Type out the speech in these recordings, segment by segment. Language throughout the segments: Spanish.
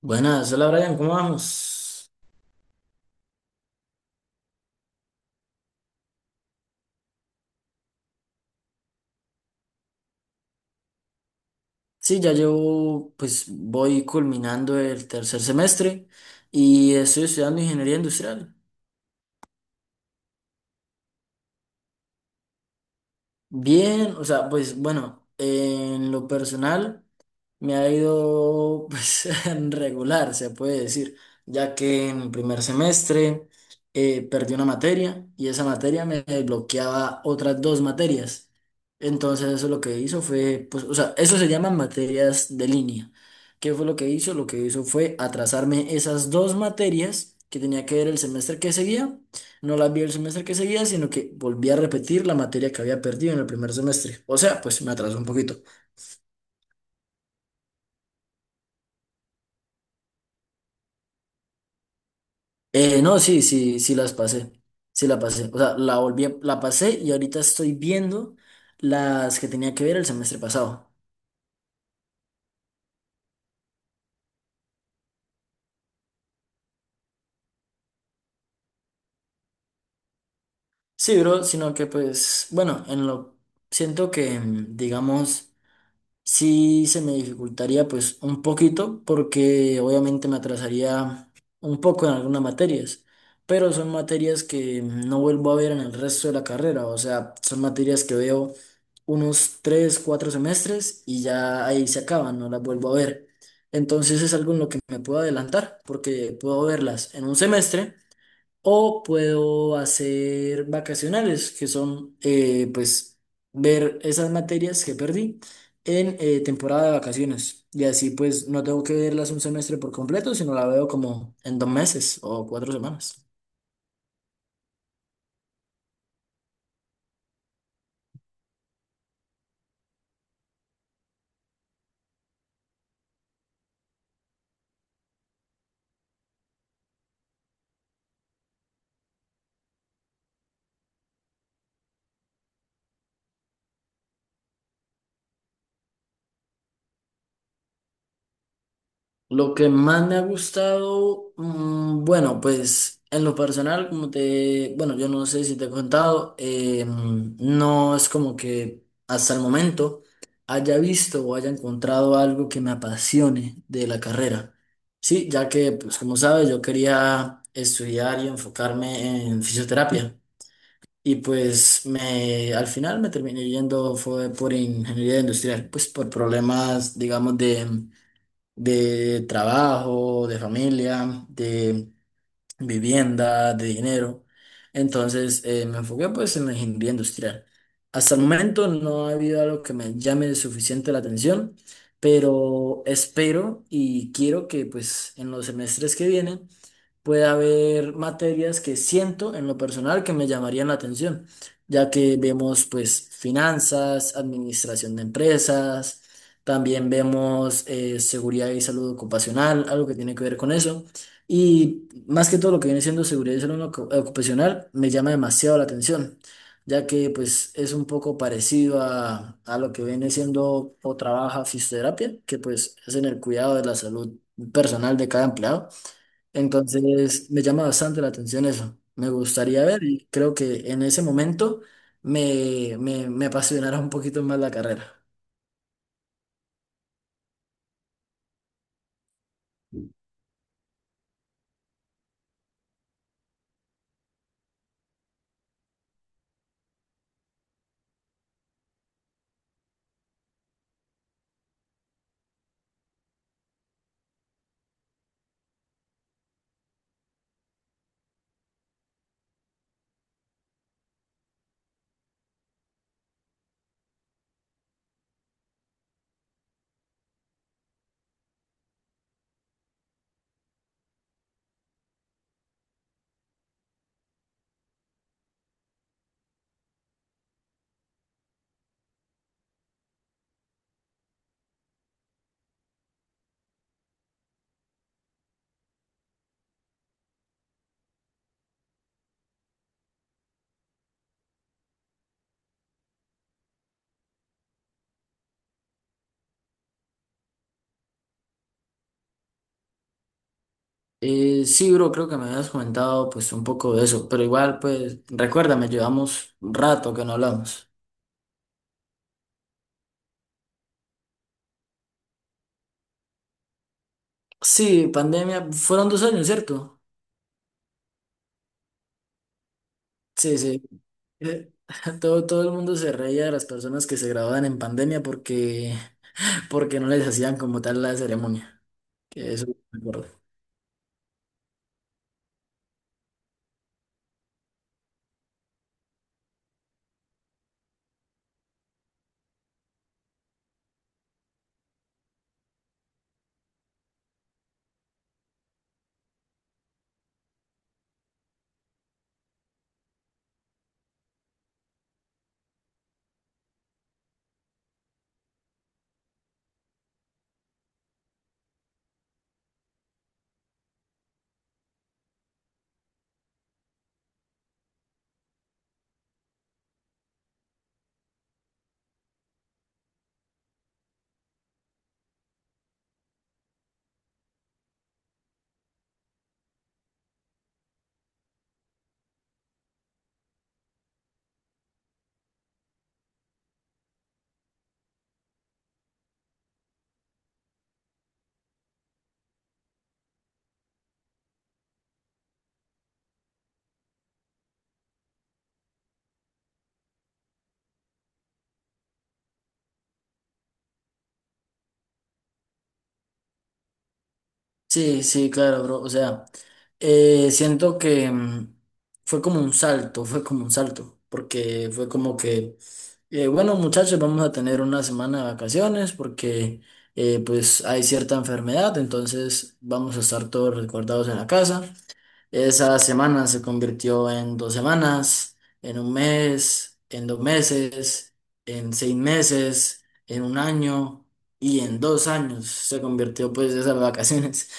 Buenas, hola Brian, ¿cómo vamos? Sí, ya llevo, pues voy culminando el tercer semestre y estoy estudiando ingeniería industrial. Bien, o sea, pues bueno, en lo personal. Me ha ido pues regular, se puede decir, ya que en el primer semestre perdí una materia y esa materia me bloqueaba otras dos materias. Entonces eso lo que hizo fue, pues, o sea, eso se llaman materias de línea. ¿Qué fue lo que hizo? Lo que hizo fue atrasarme esas dos materias que tenía que ver el semestre que seguía. No las vi el semestre que seguía, sino que volví a repetir la materia que había perdido en el primer semestre. O sea, pues me atrasó un poquito. No, sí, sí, sí las pasé. Sí la pasé. O sea, la volví, la pasé y ahorita estoy viendo las que tenía que ver el semestre pasado. Sí, bro, sino que pues, bueno, en lo siento que, digamos, sí se me dificultaría pues un poquito porque obviamente me atrasaría un poco en algunas materias, pero son materias que no vuelvo a ver en el resto de la carrera, o sea, son materias que veo unos tres, cuatro semestres y ya ahí se acaban, no las vuelvo a ver. Entonces es algo en lo que me puedo adelantar porque puedo verlas en un semestre. O puedo hacer vacacionales, que son pues ver esas materias que perdí en temporada de vacaciones. Y así pues no tengo que verlas un semestre por completo, sino la veo como en 2 meses o 4 semanas. Lo que más me ha gustado, bueno, pues en lo personal, bueno, yo no sé si te he contado, no es como que hasta el momento haya visto o haya encontrado algo que me apasione de la carrera. Sí, ya que, pues como sabes, yo quería estudiar y enfocarme en fisioterapia. Y pues al final me terminé yendo fue por ingeniería industrial, pues por problemas, digamos, de trabajo, de familia, de vivienda, de dinero. Entonces me enfoqué pues en la ingeniería industrial. Hasta el momento no ha habido algo que me llame suficiente la atención, pero espero y quiero que pues en los semestres que vienen puede haber materias que siento en lo personal que me llamarían la atención, ya que vemos pues finanzas, administración de empresas, también vemos seguridad y salud ocupacional, algo que tiene que ver con eso. Y más que todo lo que viene siendo seguridad y salud ocupacional me llama demasiado la atención, ya que pues es un poco parecido a lo que viene siendo o trabaja fisioterapia, que pues es en el cuidado de la salud personal de cada empleado. Entonces me llama bastante la atención eso. Me gustaría ver y creo que en ese momento me apasionará un poquito más la carrera. Sí, bro, creo que me habías comentado pues un poco de eso, pero igual pues recuérdame, llevamos un rato que no hablamos. Sí, pandemia, fueron 2 años, ¿cierto? Sí, sí. Eh, todo, todo el mundo se reía de las personas que se graduaban en pandemia porque no les hacían como tal la ceremonia. Que eso me acuerdo. Sí, sí, claro, bro. O sea, siento que fue como un salto, porque fue como que, bueno, muchachos, vamos a tener una semana de vacaciones porque pues hay cierta enfermedad, entonces vamos a estar todos resguardados en la casa. Esa semana se convirtió en 2 semanas, en un mes, en 2 meses, en 6 meses, en un año y en 2 años se convirtió pues esas vacaciones.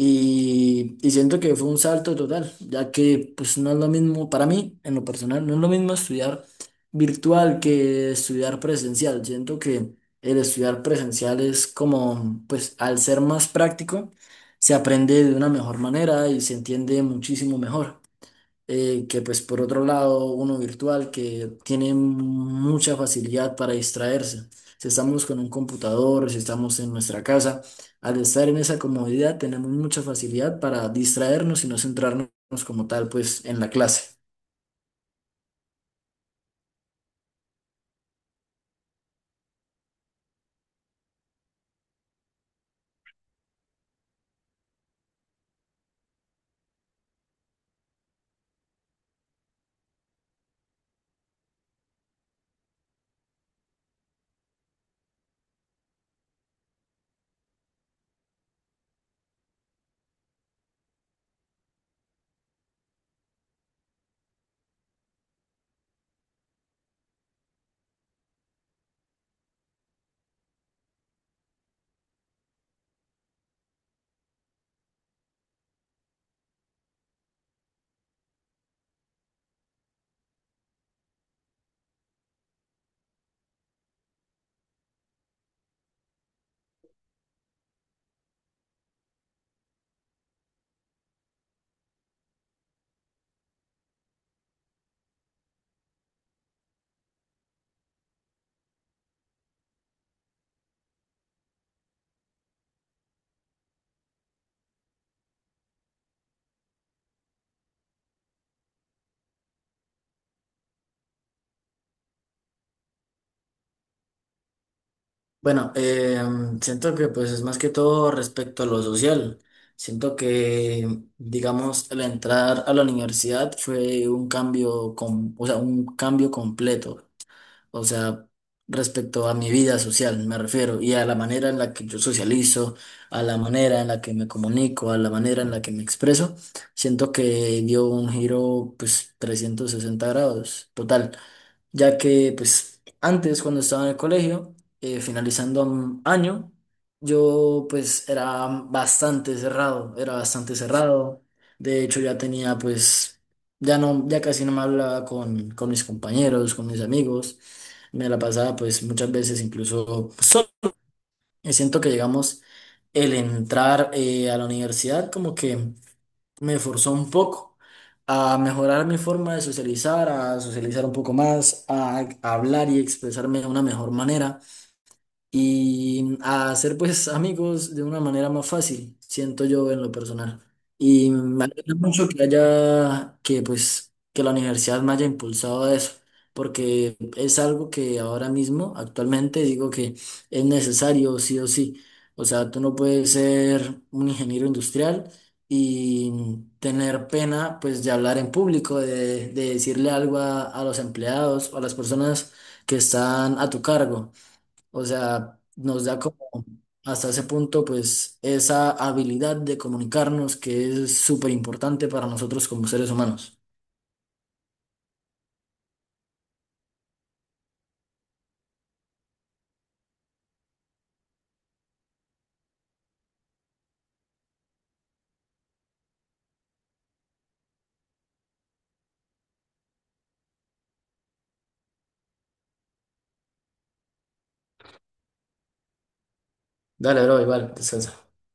Y siento que fue un salto total, ya que pues no es lo mismo, para mí, en lo personal, no es lo mismo estudiar virtual que estudiar presencial. Siento que el estudiar presencial es como, pues al ser más práctico, se aprende de una mejor manera y se entiende muchísimo mejor que pues por otro lado uno virtual que tiene mucha facilidad para distraerse. Si estamos con un computador, si estamos en nuestra casa, al estar en esa comodidad tenemos mucha facilidad para distraernos y no centrarnos como tal pues en la clase. Bueno, siento que pues es más que todo respecto a lo social. Siento que, digamos, al entrar a la universidad fue un cambio, o sea, un cambio completo. O sea, respecto a mi vida social, me refiero, y a la manera en la que yo socializo, a la manera en la que me comunico, a la manera en la que me expreso, siento que dio un giro, pues, 360°. Total, ya que pues antes cuando estaba en el colegio, finalizando un año, yo pues era bastante cerrado, de hecho ya tenía pues, ya no, ya casi no me hablaba con mis compañeros, con mis amigos, me la pasaba pues muchas veces incluso solo, y siento que llegamos el entrar a la universidad como que me forzó un poco a mejorar mi forma de socializar, a socializar un poco más, a hablar y expresarme de una mejor manera y a hacer pues amigos de una manera más fácil, siento yo en lo personal. Y me alegra mucho que haya, que pues, que la universidad me haya impulsado a eso, porque es algo que ahora mismo, actualmente, digo que es necesario sí o sí. O sea, tú no puedes ser un ingeniero industrial y tener pena pues de hablar en público, de decirle algo a los empleados o a las personas que están a tu cargo. O sea, nos da como hasta ese punto, pues, esa habilidad de comunicarnos que es súper importante para nosotros como seres humanos. Dale, bro, igual, descansa.